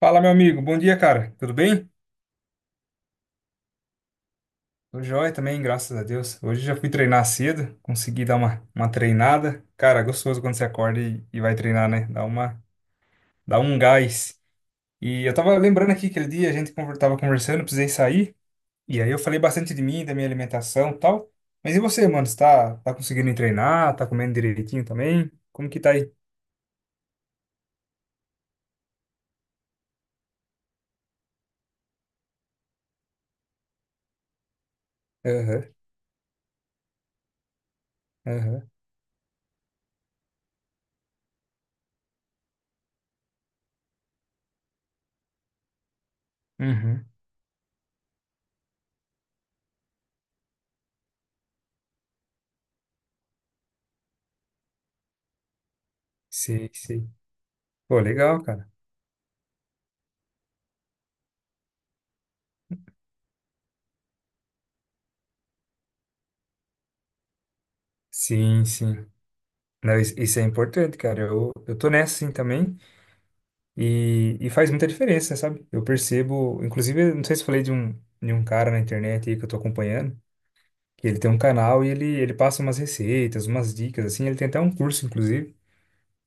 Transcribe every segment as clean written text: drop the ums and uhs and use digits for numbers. Fala, meu amigo. Bom dia, cara. Tudo bem? Tô joia também, graças a Deus. Hoje já fui treinar cedo, consegui dar uma treinada. Cara, gostoso quando você acorda e vai treinar, né? Dá um gás. E eu tava lembrando aqui aquele dia, a gente tava conversando, precisei sair. E aí eu falei bastante de mim, da minha alimentação e tal. Mas e você, mano? Você tá conseguindo treinar? Tá comendo direitinho também? Como que tá aí? Aham, aham, uhum. Sei, sei. Pô, legal, cara. Sim, sim. Não, isso é importante, cara. Eu tô nessa assim também e faz muita diferença, sabe? Eu percebo, inclusive, eu não sei se falei de um cara na internet aí que eu tô acompanhando, que ele tem um canal e ele passa umas receitas, umas dicas, assim. Ele tem até um curso, inclusive.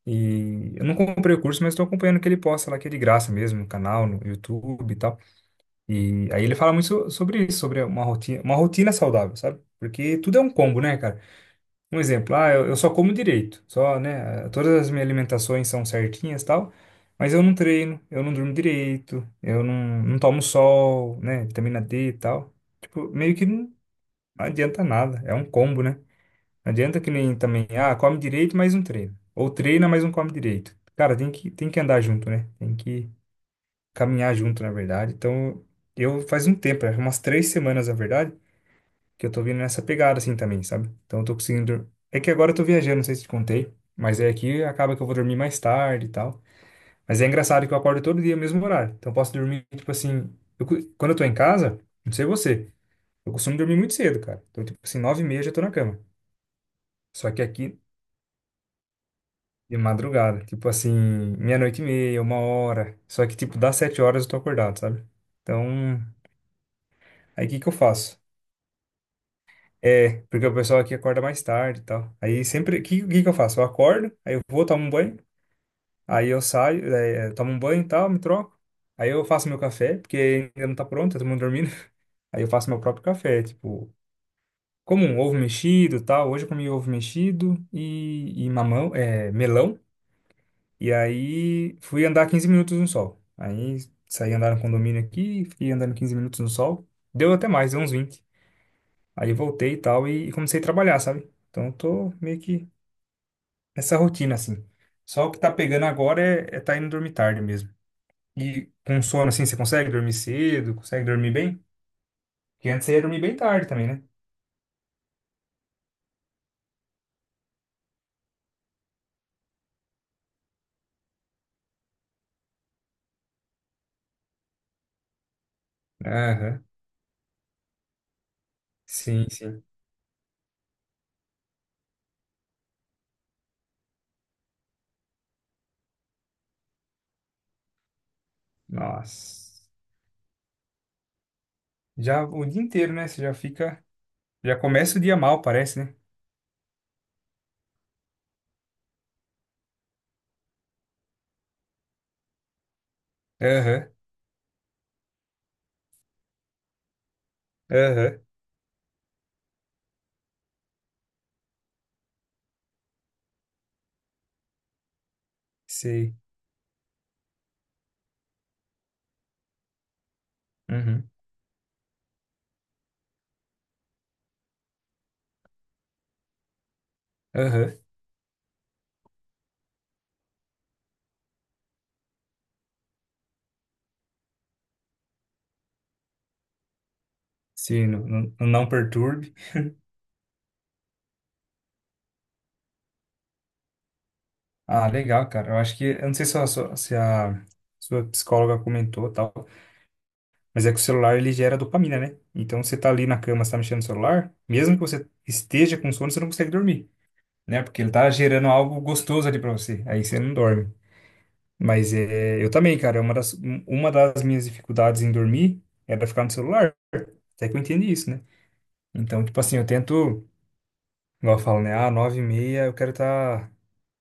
E eu não comprei o curso, mas tô acompanhando o que ele posta lá, que é de graça mesmo, no canal, no YouTube e tal. E aí ele fala muito sobre isso, sobre uma rotina saudável, sabe? Porque tudo é um combo, né, cara? Um exemplo, eu só como direito, só, né? Todas as minhas alimentações são certinhas e tal, mas eu não treino, eu não durmo direito, eu não tomo sol, né? Vitamina D e tal. Tipo, meio que não adianta nada, é um combo, né? Não adianta que nem também, come direito, mas não treina. Ou treina, mas não come direito. Cara, tem que andar junto, né? Tem que caminhar junto, na verdade. Então, eu faz um tempo, é umas 3 semanas, na verdade, que eu tô vindo nessa pegada assim também, sabe? Então eu tô conseguindo. É que agora eu tô viajando, não sei se te contei, mas é aqui acaba que eu vou dormir mais tarde e tal. Mas é engraçado que eu acordo todo dia no mesmo horário. Então eu posso dormir, tipo assim. Quando eu tô em casa, não sei você, eu costumo dormir muito cedo, cara. Então, tipo assim, 9h30 eu já tô na cama. Só que aqui de madrugada, tipo assim, meia-noite e meia, uma hora. Só que, tipo, das 7h eu tô acordado, sabe? Então, aí o que que eu faço? É, porque o pessoal aqui acorda mais tarde e tal. Aí sempre, que eu faço? Eu acordo, aí eu vou tomo um banho, aí eu saio, tomo um banho e tal, me troco. Aí eu faço meu café, porque ainda não tá pronto, tá todo mundo dormindo. Aí eu faço meu próprio café, tipo, como um ovo mexido e tal. Hoje eu comi ovo mexido e mamão, é, melão. E aí fui andar 15 minutos no sol. Aí saí andar no condomínio aqui, fiquei andando 15 minutos no sol. Deu até mais, deu uns 20. Aí voltei e tal e comecei a trabalhar, sabe? Então eu tô meio que essa rotina, assim. Só o que tá pegando agora é tá indo dormir tarde mesmo. E com sono, assim, você consegue dormir cedo? Consegue dormir bem? Porque antes você ia dormir bem tarde também, né? Aham. Sim, sim. Nossa. Já o dia inteiro, né? Você já fica. Já começa o dia mal, parece, né? Aham. Aham. Sei. Uhum. Aham. Sim, no não perturbe. Ah, legal, cara. Eu acho que. Eu não sei se se a sua psicóloga comentou tal. Mas é que o celular ele gera dopamina, né? Então você tá ali na cama, você tá mexendo no celular, mesmo que você esteja com sono, você não consegue dormir, né? Porque ele tá gerando algo gostoso ali pra você. Aí você não dorme. Mas é, eu também, cara, é uma das minhas dificuldades em dormir era ficar no celular. Até que eu entendi isso, né? Então, tipo assim, eu tento, igual eu falo, né? Ah, 9h30 eu quero estar,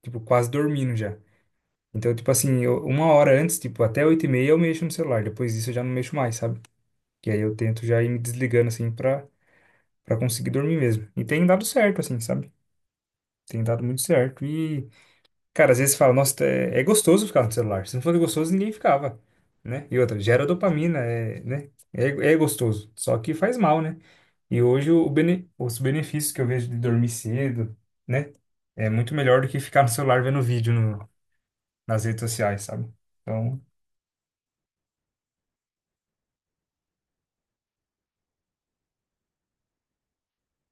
tipo, quase dormindo já. Então, tipo assim, uma hora antes, tipo, até 8h30 eu mexo no celular. Depois disso eu já não mexo mais, sabe? Que aí eu tento já ir me desligando, assim, Pra conseguir dormir mesmo. E tem dado certo, assim, sabe? Tem dado muito certo. E, cara, às vezes você fala, nossa, é gostoso ficar no celular. Se não fosse gostoso, ninguém ficava, né? E outra, gera dopamina, é, né? É gostoso, só que faz mal, né? E hoje os benefícios que eu vejo de dormir cedo, né? É muito melhor do que ficar no celular vendo vídeo nas redes sociais, sabe? Então,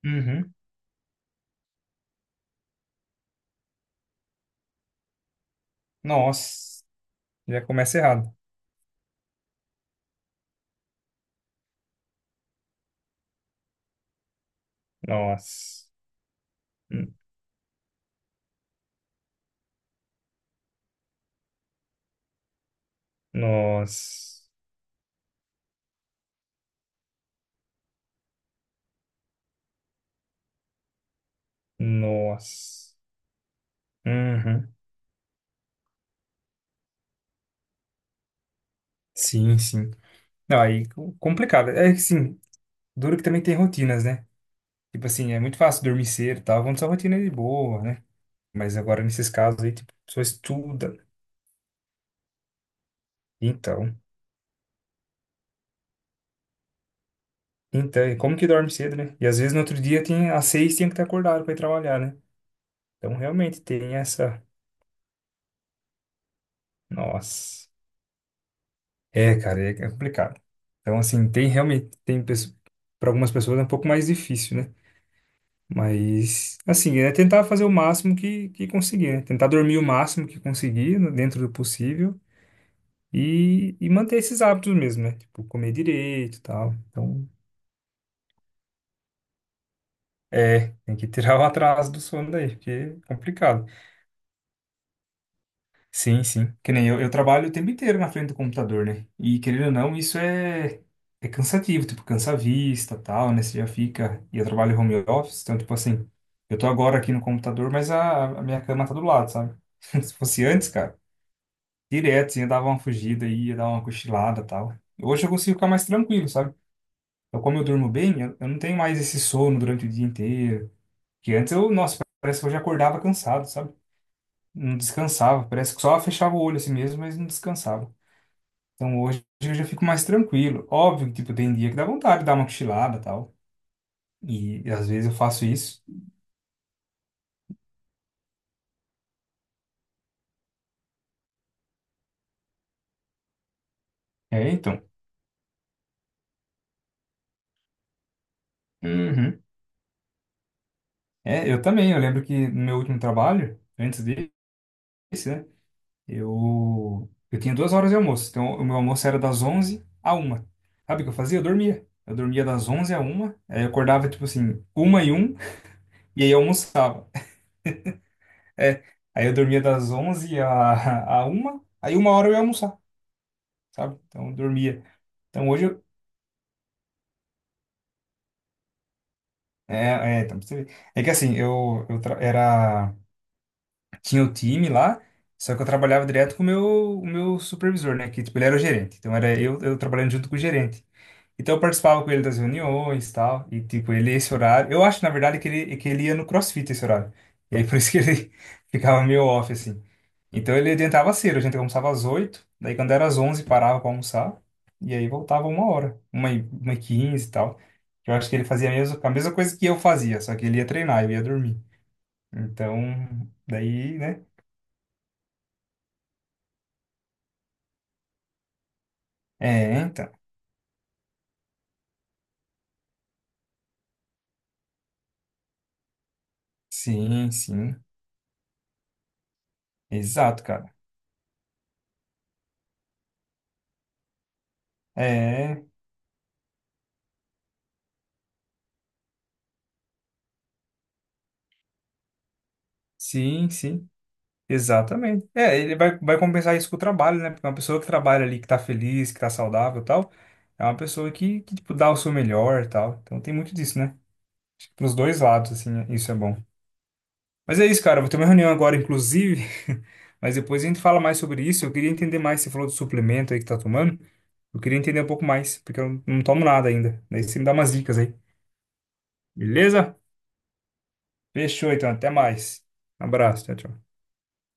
uhum. Nossa, já começa errado. Nossa, hum, nossa, nossa. Uhum. Sim, sim. Não, aí complicado. É que sim, duro que também tem rotinas, né? Tipo assim, é muito fácil dormir cedo e tal, vamos sua rotina de boa, né? Mas agora nesses casos aí, tipo, a pessoa estuda. Então, então, e como que dorme cedo, né? E às vezes no outro dia tem, às 6h tinha que estar acordado para ir trabalhar, né? Então realmente tem essa. Nossa. É, cara, é complicado. Então, assim, tem realmente, tem para algumas pessoas é um pouco mais difícil, né? Mas, assim, é tentar fazer o máximo que conseguir, né? Tentar dormir o máximo que conseguir, dentro do possível, e manter esses hábitos mesmo, né? Tipo, comer direito e tal. Então, tem que tirar o atraso do sono daí, porque é complicado. Sim, sim. Que nem eu trabalho o tempo inteiro na frente do computador, né? E, querendo ou não, isso é cansativo, tipo, cansa a vista e tal, né? Você já fica. E eu trabalho home office, então, tipo assim, eu tô agora aqui no computador, mas a minha cama tá do lado, sabe? Se fosse antes, cara. Direto, sim, eu dava uma fugida aí, ia dar uma cochilada e tal. Hoje eu consigo ficar mais tranquilo, sabe? Como eu durmo bem, eu não tenho mais esse sono durante o dia inteiro. Que antes eu, nossa, parece que eu já acordava cansado, sabe? Não descansava, parece que só fechava o olho assim mesmo, mas não descansava. Então hoje eu já fico mais tranquilo. Óbvio que, tipo, tem dia que dá vontade de dar uma cochilada e tal. E, às vezes eu faço isso. É, então. Uhum. É, eu também. Eu lembro que no meu último trabalho, antes desse, né? Eu tinha 2 horas de almoço, então o meu almoço era das 11 à uma. Sabe o que eu fazia? Eu dormia. Eu dormia das 11 à uma, aí eu acordava tipo assim, uma e um, e aí eu almoçava. É, aí eu dormia das 11 à uma, aí uma hora eu ia almoçar, sabe? Então eu dormia. Então hoje eu, então pra você ver. É que assim, eu era, tinha o time lá, só que eu trabalhava direto com o meu supervisor, né, que tipo ele era o gerente. Então era eu, trabalhando junto com o gerente. Então eu participava com ele das reuniões e tal, e tipo, ele esse horário, eu acho na verdade que ele ia no CrossFit esse horário. E aí por isso que ele ficava meio off assim. Então ele adiantava cedo, a gente almoçava às 8h, daí quando era às 11h parava pra almoçar, e aí voltava uma hora, uma e 15 e tal. Eu acho que ele fazia a mesma coisa que eu fazia, só que ele ia treinar, eu ia dormir. Então, daí, né? É, então. Sim, sim. Exato, cara. É, sim, sim. Exatamente. É, ele vai compensar isso com o trabalho, né? Porque uma pessoa que trabalha ali, que tá feliz, que tá saudável e tal, é uma pessoa que tipo, dá o seu melhor e tal. Então tem muito disso, né? Pros dois lados, assim, né? Isso é bom. Mas é isso, cara. Eu vou ter uma reunião agora, inclusive. Mas depois a gente fala mais sobre isso. Eu queria entender mais. Você falou do suplemento aí que tá tomando. Eu queria entender um pouco mais, porque eu não tomo nada ainda. Daí você me dá umas dicas aí. Beleza? Fechou, então. Até mais. Um abraço. Tchau, tchau.